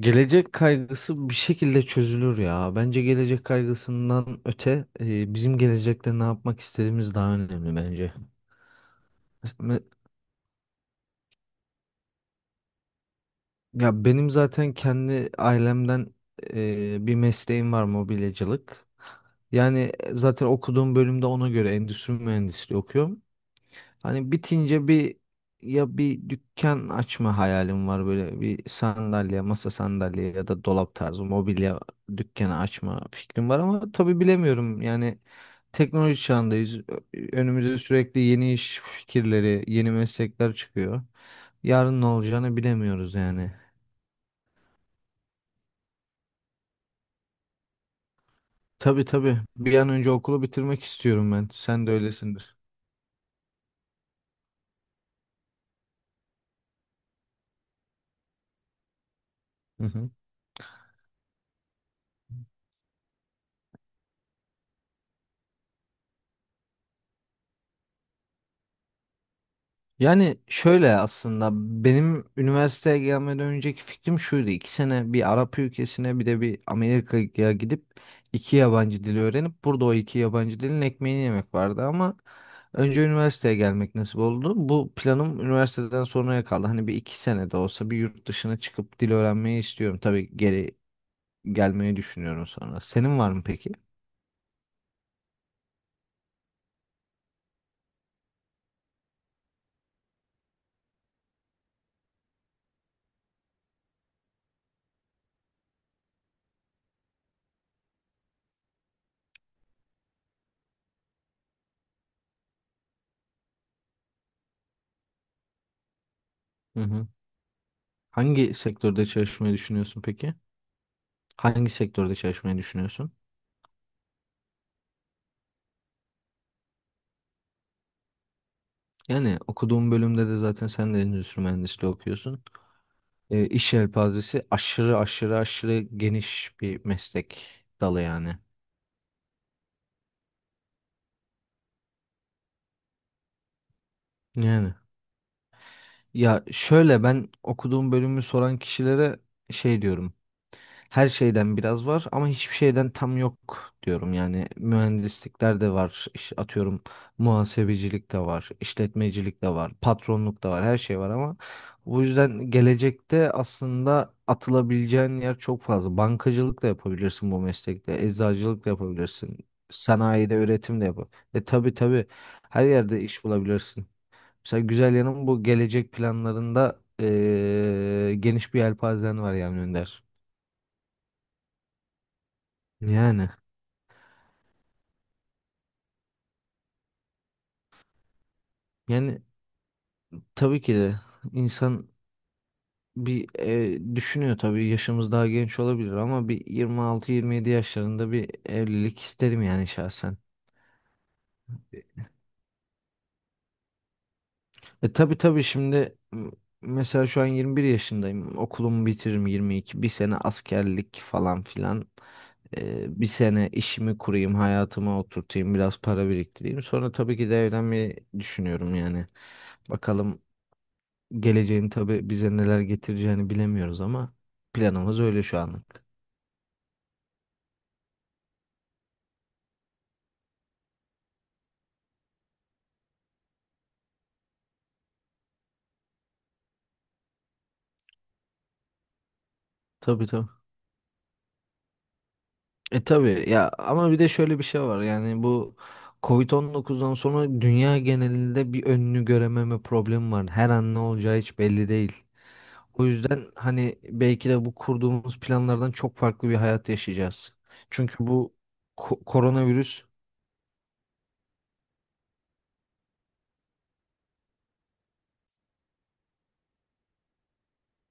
Gelecek kaygısı bir şekilde çözülür ya. Bence gelecek kaygısından öte bizim gelecekte ne yapmak istediğimiz daha önemli bence. Me- Ya benim zaten kendi ailemden bir mesleğim var, mobilyacılık. Yani zaten okuduğum bölümde ona göre endüstri mühendisliği okuyorum. Hani bitince bir dükkan açma hayalim var, böyle bir sandalye, masa sandalye ya da dolap tarzı mobilya dükkanı açma fikrim var ama tabii bilemiyorum. Yani teknoloji çağındayız. Önümüze sürekli yeni iş fikirleri, yeni meslekler çıkıyor. Yarın ne olacağını bilemiyoruz yani. Tabii tabii. Bir an önce okulu bitirmek istiyorum ben. Sen de öylesindir. Hı hı. Yani şöyle aslında benim üniversiteye gelmeden önceki fikrim şuydu. İki sene bir Arap ülkesine, bir de bir Amerika'ya gidip iki yabancı dili öğrenip burada o iki yabancı dilin ekmeğini yemek vardı ama önce üniversiteye gelmek nasip oldu. Bu planım üniversiteden sonraya kaldı. Hani bir iki sene de olsa bir yurt dışına çıkıp dil öğrenmeyi istiyorum. Tabii geri gelmeyi düşünüyorum sonra. Senin var mı peki? Hı hı. Hangi sektörde çalışmayı düşünüyorsun peki? Hangi sektörde çalışmayı düşünüyorsun? Yani okuduğum bölümde de zaten sen de endüstri mühendisliği okuyorsun. E, iş yelpazesi aşırı aşırı aşırı geniş bir meslek dalı yani. Yani. Ya şöyle, ben okuduğum bölümü soran kişilere şey diyorum. Her şeyden biraz var ama hiçbir şeyden tam yok diyorum. Yani mühendislikler de var. Atıyorum, muhasebecilik de var, işletmecilik de var, patronluk da var, her şey var ama bu yüzden gelecekte aslında atılabileceğin yer çok fazla. Bankacılık da yapabilirsin bu meslekte, eczacılık da yapabilirsin, sanayide üretim de yapabilirsin. E tabii tabii, her yerde iş bulabilirsin. Mesela güzel yanım, bu gelecek planlarında geniş bir yelpazen var yani, Önder. Yani yani tabii ki de, insan bir düşünüyor tabii, yaşımız daha genç olabilir ama bir 26-27 yaşlarında bir evlilik isterim yani şahsen. E tabii tabii, şimdi mesela şu an 21 yaşındayım. Okulumu bitiririm 22. Bir sene askerlik falan filan. Bir sene işimi kurayım, hayatıma oturtayım, biraz para biriktireyim. Sonra tabii ki de evlenmeyi düşünüyorum yani. Bakalım, geleceğin tabii bize neler getireceğini bilemiyoruz ama planımız öyle şu anlık. Tabii tabii. E tabii ya, ama bir de şöyle bir şey var yani, bu covid dokuzdan sonra dünya genelinde bir önünü görememe problemi var. Her an ne olacağı hiç belli değil. O yüzden hani belki de bu kurduğumuz planlardan çok farklı bir hayat yaşayacağız. Çünkü bu koronavirüs.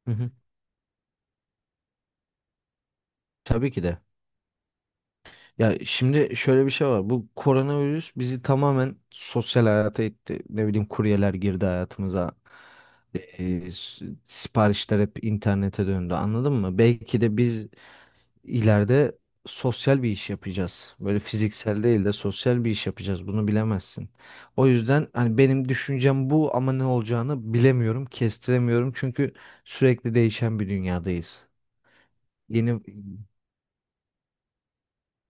Hı hı. Tabii ki de. Ya şimdi şöyle bir şey var. Bu koronavirüs bizi tamamen sosyal hayata itti. Ne bileyim, kuryeler girdi hayatımıza. Siparişler hep internete döndü. Anladın mı? Belki de biz ileride sosyal bir iş yapacağız. Böyle fiziksel değil de sosyal bir iş yapacağız. Bunu bilemezsin. O yüzden hani benim düşüncem bu ama ne olacağını bilemiyorum, kestiremiyorum. Çünkü sürekli değişen bir dünyadayız. Yeni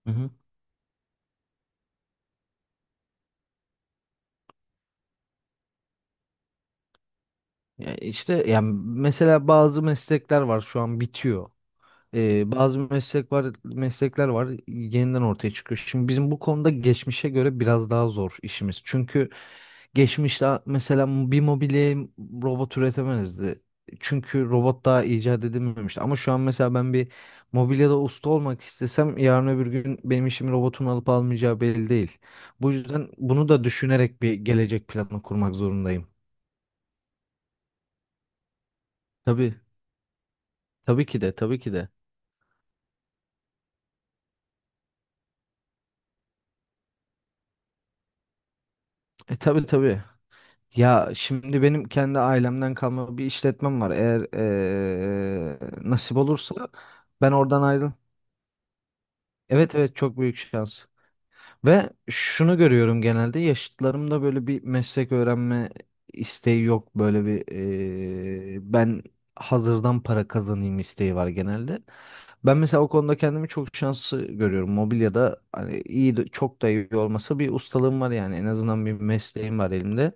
Hı hı. Ya işte yani mesela bazı meslekler var şu an bitiyor. Bazı meslek var, meslekler var, yeniden ortaya çıkıyor. Şimdi bizim bu konuda geçmişe göre biraz daha zor işimiz. Çünkü geçmişte mesela bir mobilyayı robot üretemezdi. Çünkü robot daha icat edilmemişti. Ama şu an mesela ben bir mobilyada usta olmak istesem yarın öbür gün benim işimi robotun alıp almayacağı belli değil. Bu yüzden bunu da düşünerek bir gelecek planı kurmak zorundayım. Tabii, tabii ki de, tabii ki de. E tabii tabii. Ya şimdi benim kendi ailemden kalma bir işletmem var. Eğer nasip olursa ben oradan ayrıl. Evet evet, çok büyük şans. Ve şunu görüyorum, genelde yaşıtlarımda böyle bir meslek öğrenme isteği yok. Böyle bir ben hazırdan para kazanayım isteği var genelde. Ben mesela o konuda kendimi çok şanslı görüyorum. Mobilyada, hani iyi çok da iyi olmasa, bir ustalığım var yani, en azından bir mesleğim var elimde.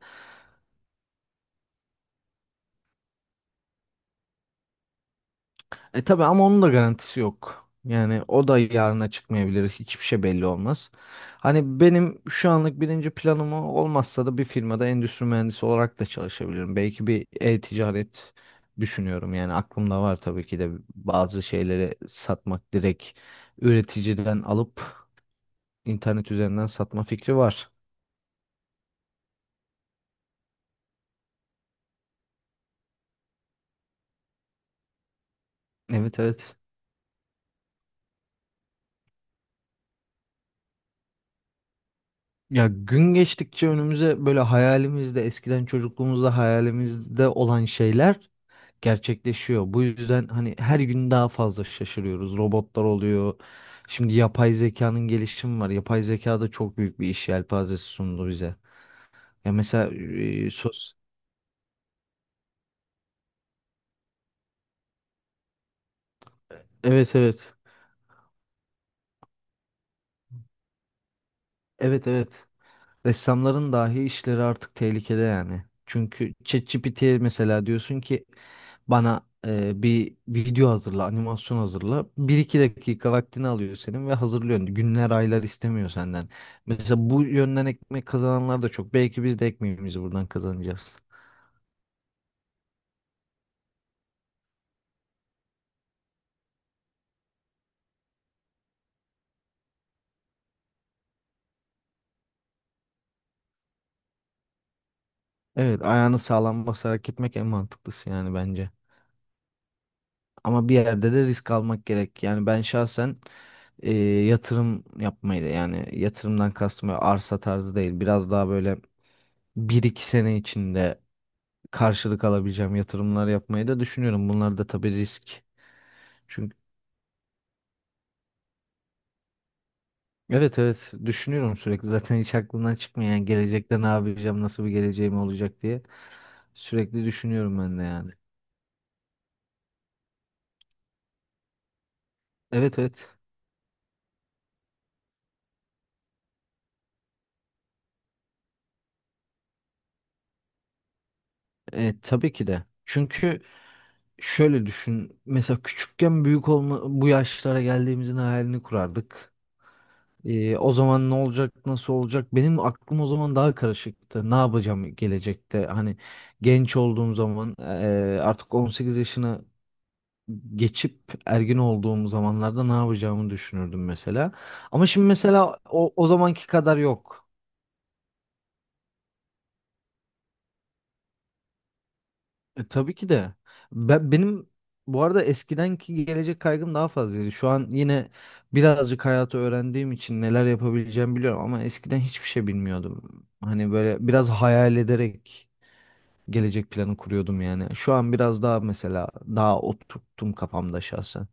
E tabii ama onun da garantisi yok. Yani o da yarına çıkmayabilir. Hiçbir şey belli olmaz. Hani benim şu anlık birinci planım o. Olmazsa da bir firmada endüstri mühendisi olarak da çalışabilirim. Belki bir e-ticaret düşünüyorum. Yani aklımda var tabii ki de, bazı şeyleri satmak, direkt üreticiden alıp internet üzerinden satma fikri var. Evet evet. Ya gün geçtikçe önümüze böyle, hayalimizde, eskiden çocukluğumuzda hayalimizde olan şeyler gerçekleşiyor. Bu yüzden hani her gün daha fazla şaşırıyoruz. Robotlar oluyor. Şimdi yapay zekanın gelişimi var. Yapay zeka da çok büyük bir iş yelpazesi sundu bize. Ya mesela. E, sos. Evet evet. Evet evet. Ressamların dahi işleri artık tehlikede yani. Çünkü ChatGPT'ye mesela diyorsun ki bana bir video hazırla, animasyon hazırla. Bir iki dakika vaktini alıyor senin ve hazırlıyorsun. Günler, aylar istemiyor senden. Mesela bu yönden ekmek kazananlar da çok. Belki biz de ekmeğimizi buradan kazanacağız. Evet, ayağını sağlam basarak gitmek en mantıklısı yani bence. Ama bir yerde de risk almak gerek. Yani ben şahsen yatırım yapmayı da, yani yatırımdan kastım böyle arsa tarzı değil, biraz daha böyle bir iki sene içinde karşılık alabileceğim yatırımlar yapmayı da düşünüyorum. Bunlar da tabii risk. Çünkü evet evet, düşünüyorum sürekli. Zaten hiç aklımdan çıkmıyor yani, gelecekte ne yapacağım, nasıl bir geleceğim olacak diye. Sürekli düşünüyorum ben de yani. Evet evet. E, tabii ki de. Şöyle düşün. Mesela küçükken büyük olma, bu yaşlara geldiğimizin hayalini kurardık. O zaman ne olacak, nasıl olacak? Benim aklım o zaman daha karışıktı. Ne yapacağım gelecekte? Hani genç olduğum zaman, artık 18 yaşına geçip ergin olduğum zamanlarda ne yapacağımı düşünürdüm mesela. Ama şimdi mesela o zamanki kadar yok. E, tabii ki de. Benim bu arada eskidenki gelecek kaygım daha fazlaydı. Şu an yine birazcık hayatı öğrendiğim için neler yapabileceğimi biliyorum ama eskiden hiçbir şey bilmiyordum. Hani böyle biraz hayal ederek gelecek planı kuruyordum yani. Şu an biraz daha mesela daha oturttum kafamda şahsen.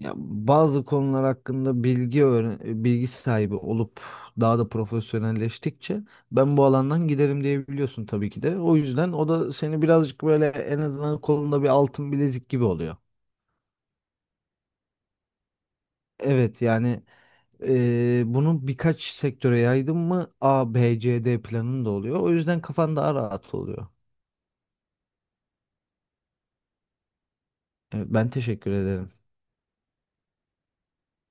Ya bazı konular hakkında bilgi öğren bilgi sahibi olup daha da profesyonelleştikçe ben bu alandan giderim diye biliyorsun tabii ki de. O yüzden o da seni birazcık böyle en azından kolunda bir altın bilezik gibi oluyor. Evet yani bunu birkaç sektöre yaydın mı A, B, C, D planın da oluyor. O yüzden kafan daha rahat oluyor. Evet, ben teşekkür ederim.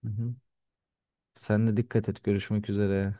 Hı hı. Sen de dikkat et. Görüşmek üzere.